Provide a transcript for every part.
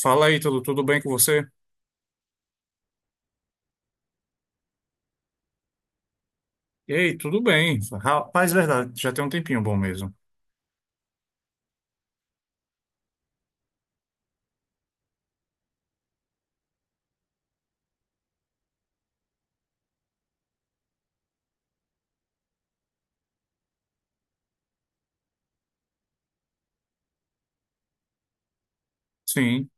Fala aí, tudo bem com você? Ei, tudo bem. Rapaz, verdade, já tem um tempinho bom mesmo. Sim.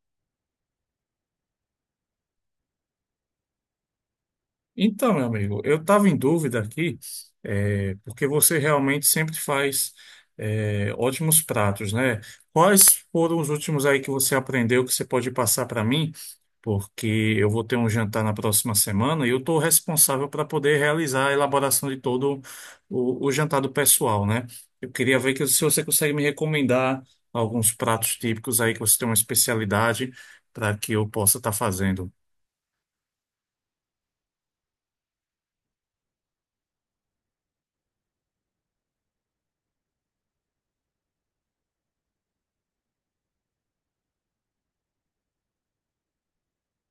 Então, meu amigo, eu estava em dúvida aqui, porque você realmente sempre faz, ótimos pratos, né? Quais foram os últimos aí que você aprendeu que você pode passar para mim? Porque eu vou ter um jantar na próxima semana e eu estou responsável para poder realizar a elaboração de todo o jantar do pessoal, né? Eu queria ver que, se você consegue me recomendar alguns pratos típicos aí que você tem uma especialidade para que eu possa estar fazendo.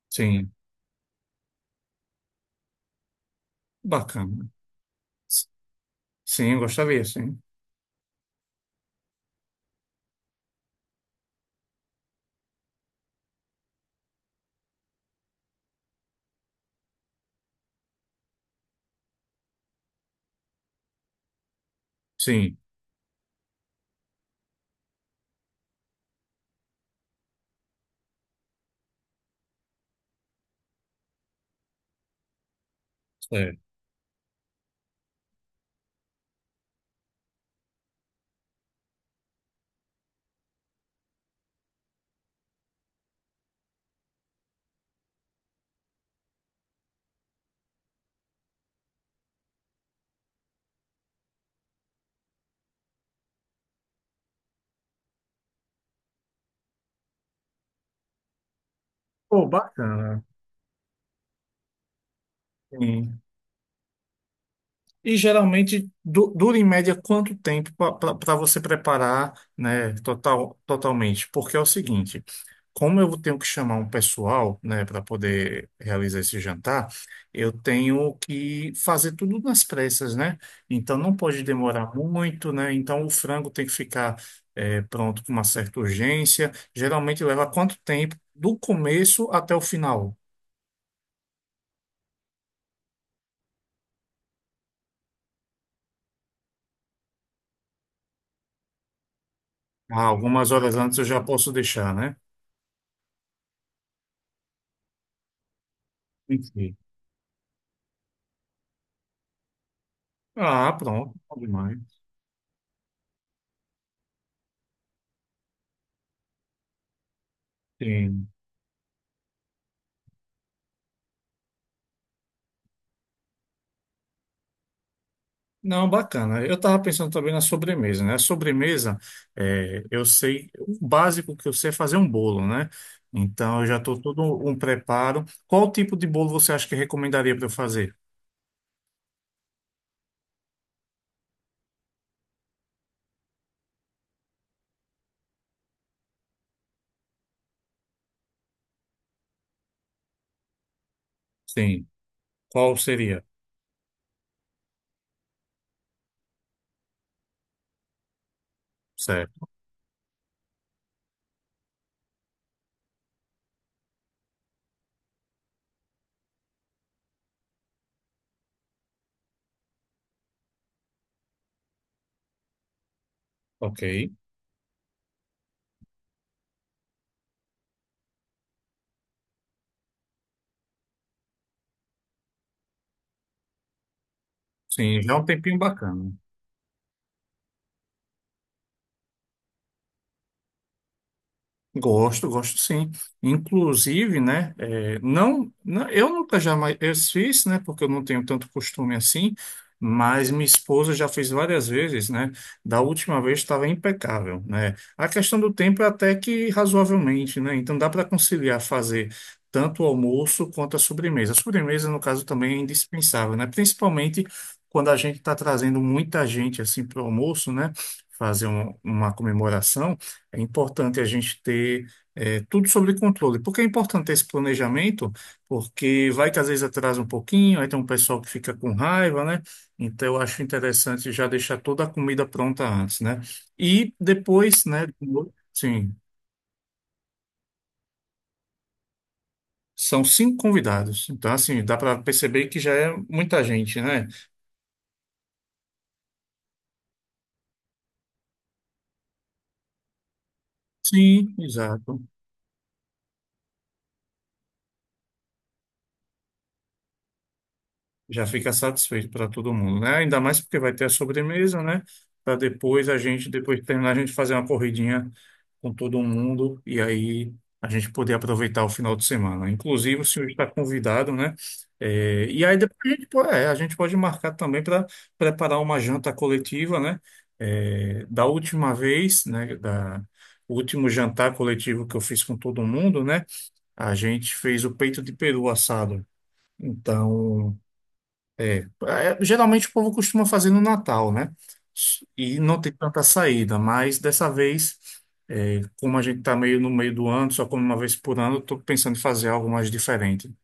Sim, bacana. Sim, eu gostaria, sim. Sim, certo. Pô, bacana. Sim. E geralmente dura em média quanto tempo para você preparar, né, total, totalmente? Porque é o seguinte, como eu tenho que chamar um pessoal, né, para poder realizar esse jantar, eu tenho que fazer tudo nas pressas, né? Então não pode demorar muito, né? Então o frango tem que ficar pronto com uma certa urgência. Geralmente leva quanto tempo do começo até o final? Ah, algumas horas antes eu já posso deixar, né? Enfim. Ah, pronto, bom demais. Sim. Não, bacana. Eu estava pensando também na sobremesa, né? A sobremesa, eu sei, o básico que eu sei é fazer um bolo, né? Então eu já estou todo um preparo. Qual tipo de bolo você acha que recomendaria para eu fazer? Sim. Qual seria? Certo. Ok. Sim, já é um tempinho bacana. Gosto, gosto sim. Inclusive, né, eu nunca jamais eu fiz, né, porque eu não tenho tanto costume assim, mas minha esposa já fez várias vezes, né, da última vez estava impecável, né. A questão do tempo é até que razoavelmente, né, então dá para conciliar fazer tanto o almoço quanto a sobremesa. A sobremesa, no caso, também é indispensável, né, principalmente quando a gente está trazendo muita gente, assim, para o almoço, né, fazer uma comemoração, é importante a gente ter tudo sobre controle. Por que é importante esse planejamento? Porque vai que às vezes atrasa um pouquinho, aí tem um pessoal que fica com raiva, né? Então eu acho interessante já deixar toda a comida pronta antes, né? E depois, né? Sim, são cinco convidados. Então, assim, dá para perceber que já é muita gente, né? Sim, exato. Já fica satisfeito para todo mundo, né? Ainda mais porque vai ter a sobremesa, né? Para depois a gente, depois de terminar, a gente fazer uma corridinha com todo mundo e aí a gente poder aproveitar o final de semana. Inclusive, o senhor está convidado, né? É, e aí depois a gente, a gente pode marcar também para preparar uma janta coletiva, né? É, da última vez, né? Da, o último jantar coletivo que eu fiz com todo mundo, né? A gente fez o peito de peru assado. Então. É, geralmente o povo costuma fazer no Natal, né? E não tem tanta saída, mas dessa vez, como a gente tá meio no meio do ano, só come uma vez por ano, eu tô pensando em fazer algo mais diferente.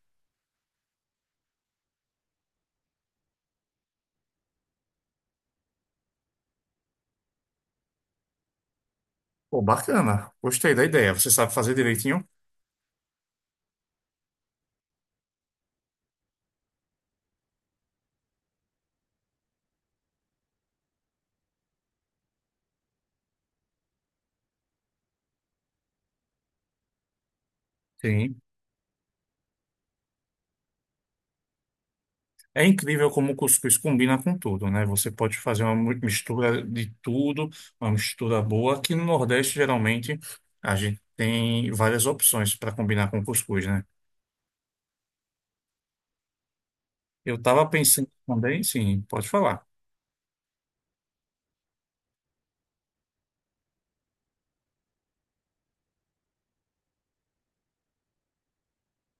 Pô, bacana. Gostei da ideia. Você sabe fazer direitinho? Sim. É incrível como o cuscuz combina com tudo, né? Você pode fazer uma mistura de tudo, uma mistura boa. Aqui no Nordeste, geralmente, a gente tem várias opções para combinar com cuscuz, né? Eu tava pensando também, sim, pode falar.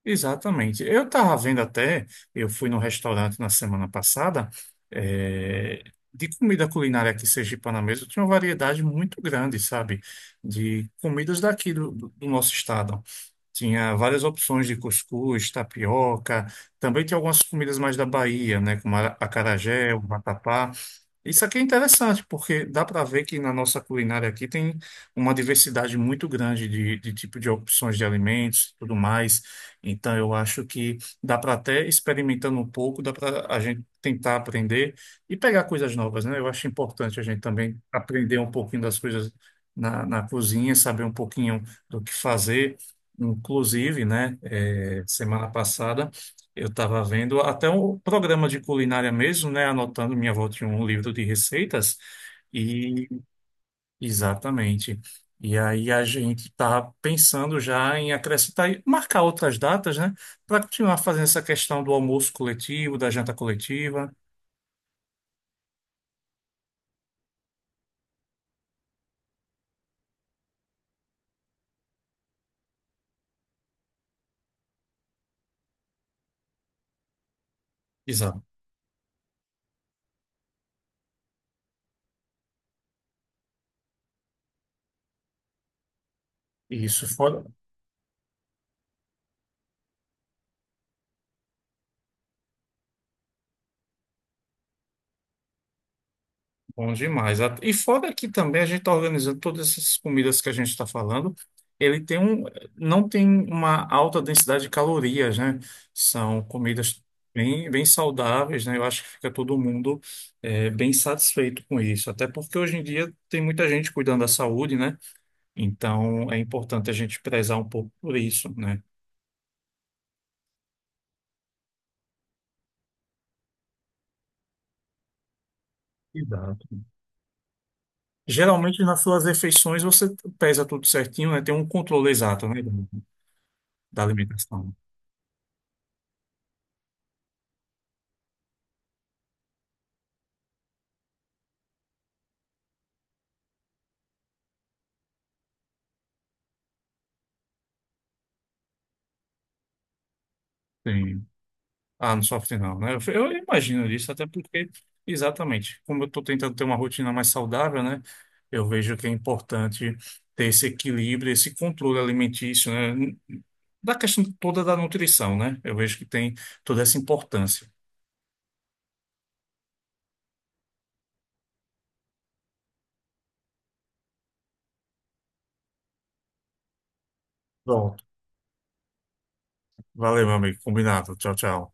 Exatamente. Eu estava vendo até, eu fui num restaurante na semana passada, eh, de comida culinária aqui sergipana mesmo, tinha uma variedade muito grande, sabe? De comidas daqui do nosso estado. Tinha várias opções de cuscuz, tapioca, também tem algumas comidas mais da Bahia, né, como acarajé, o vatapá. Isso aqui é interessante, porque dá para ver que na nossa culinária aqui tem uma diversidade muito grande de tipo de opções de alimentos e tudo mais. Então, eu acho que dá para até experimentando um pouco, dá para a gente tentar aprender e pegar coisas novas, né? Eu acho importante a gente também aprender um pouquinho das coisas na cozinha, saber um pouquinho do que fazer. Inclusive, né, semana passada eu estava vendo até um programa de culinária mesmo, né, anotando minha avó tinha um livro de receitas e exatamente. E aí a gente está pensando já em acrescentar e marcar outras datas, né, para continuar fazendo essa questão do almoço coletivo, da janta coletiva. Exato. Isso. Fora. Bom demais. E fora que também a gente está organizando todas essas comidas que a gente está falando, ele tem um, não tem uma alta densidade de calorias, né? São comidas bem saudáveis, né? Eu acho que fica todo mundo bem satisfeito com isso. Até porque hoje em dia tem muita gente cuidando da saúde, né? Então é importante a gente prezar um pouco por isso, né? Exato. Geralmente nas suas refeições você pesa tudo certinho, né? Tem um controle exato, né? Da alimentação. Sim. Ah, não sofre não, né? Eu imagino isso, até porque, exatamente, como eu estou tentando ter uma rotina mais saudável, né? Eu vejo que é importante ter esse equilíbrio, esse controle alimentício, né? Da questão toda da nutrição, né? Eu vejo que tem toda essa importância. Pronto. Valeu, meu amigo. Combinado. Tchau, tchau.